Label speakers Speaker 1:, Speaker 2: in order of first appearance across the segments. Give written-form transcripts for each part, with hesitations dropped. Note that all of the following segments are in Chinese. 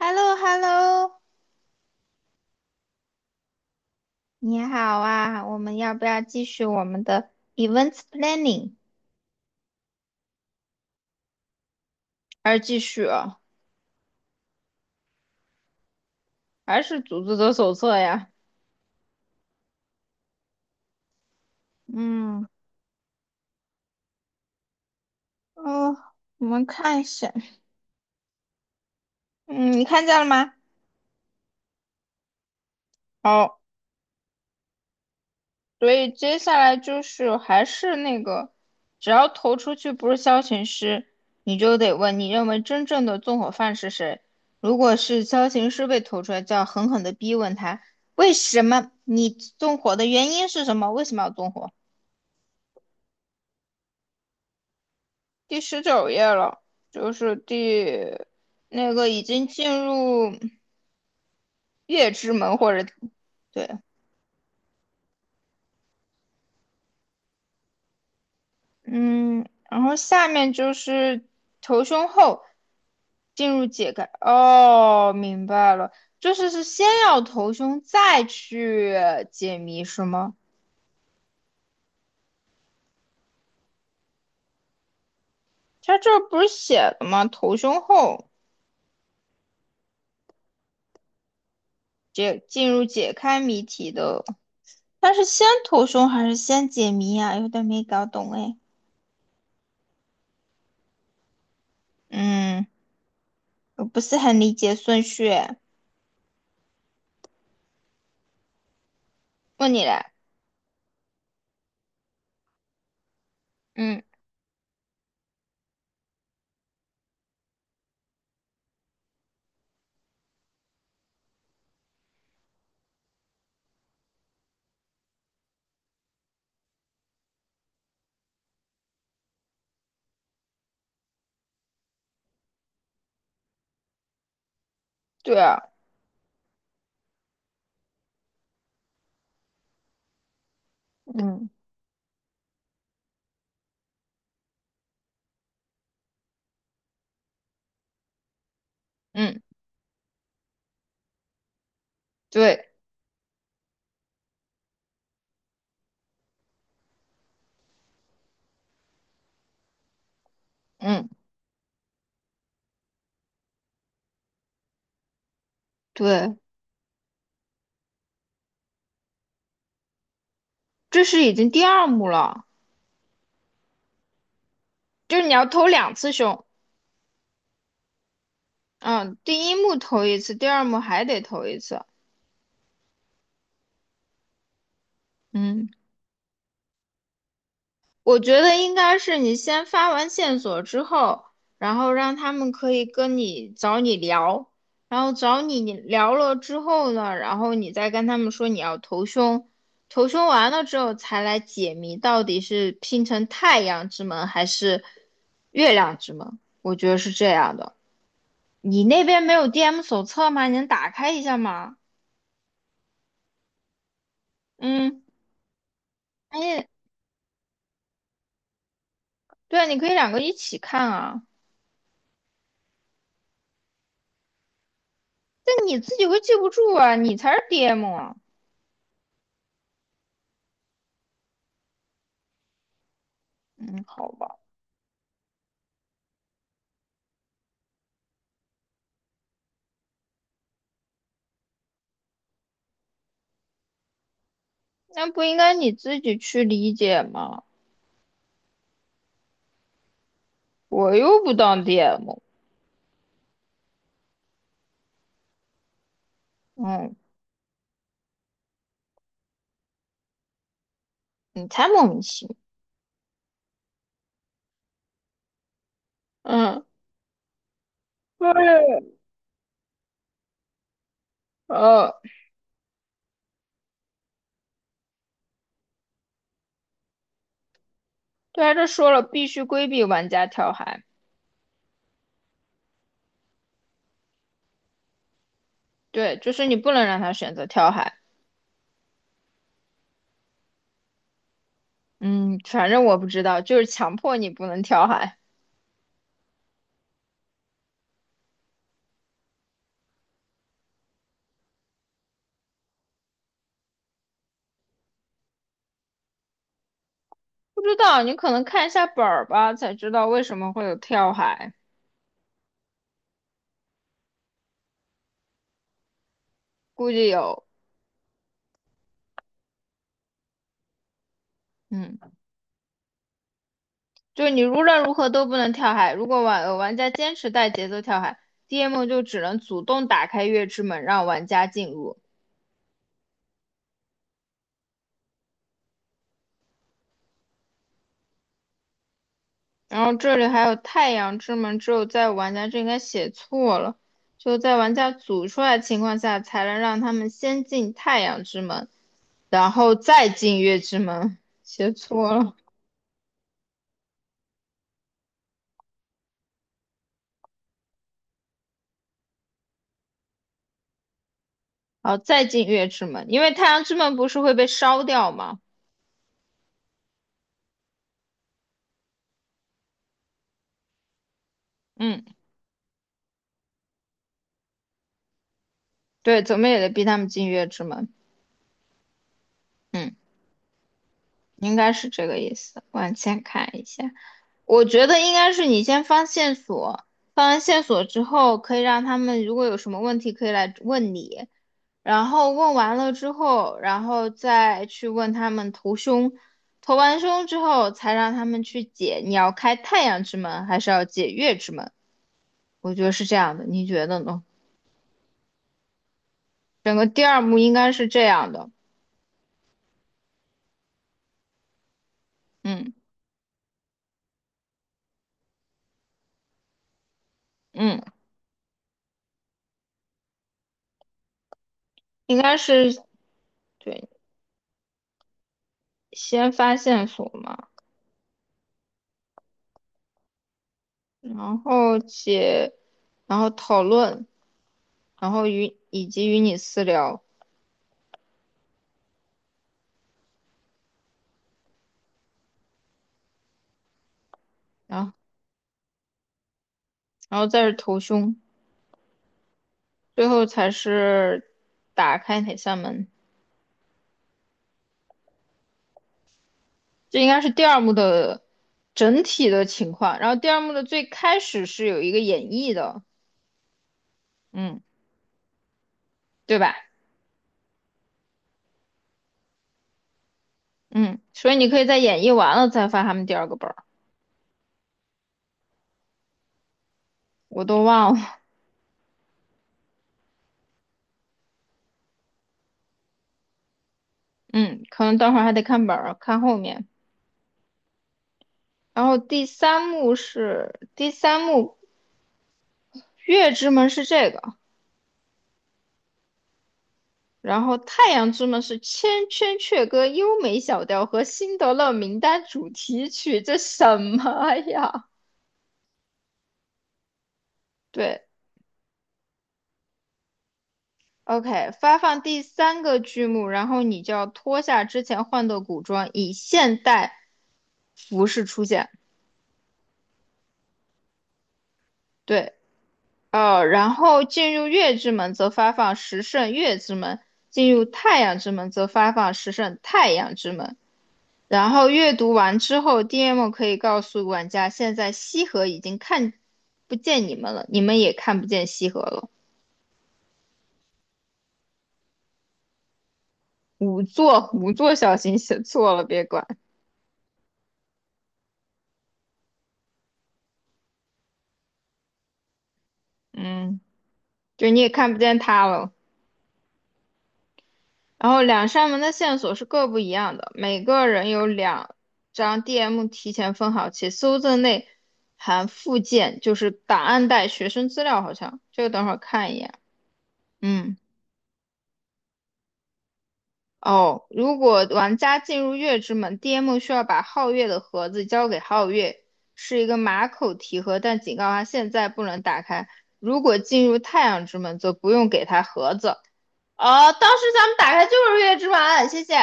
Speaker 1: h e l l o h e l l o 你好啊，我们要不要继续我们的 events planning？还是继续啊？还是组织者手册呀？嗯哦，我们看一下，嗯，你看见了吗？好，所以接下来就是还是那个，只要投出去不是消遣师，你就得问你认为真正的纵火犯是谁。如果是消遣师被投出来，就要狠狠的逼问他，为什么你纵火的原因是什么？为什么要纵火？第19页了，就是那个已经进入月之门或者对，嗯，然后下面就是头胸后进入解开。哦，明白了，就是先要头胸再去解谜是吗？它这不是写的吗？头胸后进入解开谜题的，它是先头胸还是先解谜啊？有点没搞懂哎。嗯。我不是很理解顺序问你嘞，嗯，对啊，嗯嗯，对，嗯，对，这是已经第二幕了，就是你要投两次凶，嗯，第一幕投一次，第二幕还得投一次，嗯。我觉得应该是你先发完线索之后，然后让他们可以跟你找你聊，然后找你聊了之后呢，然后你再跟他们说你要投凶，投凶完了之后才来解谜，到底是拼成太阳之门还是月亮之门？我觉得是这样的。你那边没有 DM 手册吗？你能打开一下吗？嗯，哎，对啊，你可以两个一起看啊，但你自己会记不住啊，你才是 DM 啊。嗯，好吧，那不应该你自己去理解吗？我又不当 DM，嗯，你才莫名其妙。嗯，对，呃，对啊，这说了必须规避玩家跳海，对，就是你不能让他选择跳海。嗯，反正我不知道，就是强迫你不能跳海。不知道，你可能看一下本儿吧，才知道为什么会有跳海，估计有，嗯。就是你无论如何都不能跳海。如果玩家坚持带节奏跳海，DM 就只能主动打开月之门让玩家进入。然后这里还有太阳之门，只有在玩家这应该写错了，就在玩家组出来的情况下，才能让他们先进太阳之门，然后再进月之门。写错了，好，再进月之门，因为太阳之门不是会被烧掉吗？嗯，对，怎么也得逼他们进月之门。嗯。应该是这个意思。往前看一下，我觉得应该是你先放线索，放完线索之后，可以让他们如果有什么问题可以来问你，然后问完了之后，然后再去问他们投凶，投完凶之后才让他们去解你要开太阳之门还是要解月之门，我觉得是这样的，你觉得呢？整个第二幕应该是这样的，嗯嗯，应该是对，先发线索嘛。然后且，然后讨论，然后与以及与你私聊，然后再是投凶，最后才是打开哪扇门。这应该是第二幕的整体的情况。然后第二幕的最开始是有一个演绎的，嗯，对吧？嗯，所以你可以在演绎完了再发他们第二个本儿，我都忘了。嗯，可能等会儿还得看本儿，看后面。然后第三幕是第三幕，月之门是这个。然后《太阳之门》是《千千阙歌》优美小调和《辛德勒名单》主题曲，这什么呀？对，OK，发放第三个剧目，然后你就要脱下之前换的古装，以现代服饰出现。对，然后进入月之门则发放十胜月之门，进入太阳之门则发放十胜太阳之门。然后阅读完之后，DM 可以告诉玩家，现在西河已经看不见你们了，你们也看不见西河了。五座小心写错了，别管。嗯，就你也看不见他了。然后两扇门的线索是各不一样的，每个人有两张 DM 提前分好，且搜证内含附件，就是档案袋、学生资料，好像这个等会儿看一眼。嗯。哦，如果玩家进入月之门，DM 需要把皓月的盒子交给皓月，是一个马口提盒，但警告他现在不能打开。如果进入太阳之门，则不用给他盒子。哦，当时咱们打开就是月之门，谢谢。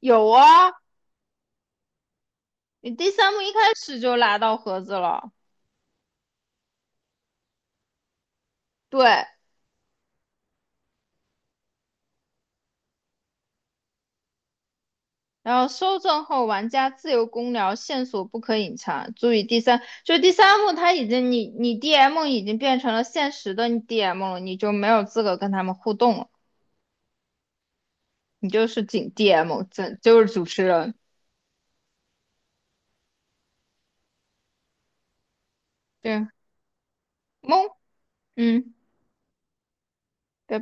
Speaker 1: 有啊，你第三幕一开始就拿到盒子了。对，然后搜证后，玩家自由公聊，线索不可隐藏。注意第三，就是第三幕，它已经你 DM 已经变成了现实的 DM 了，你就没有资格跟他们互动了，你就是仅 DM，这就是主持人。对，懵，嗯。对。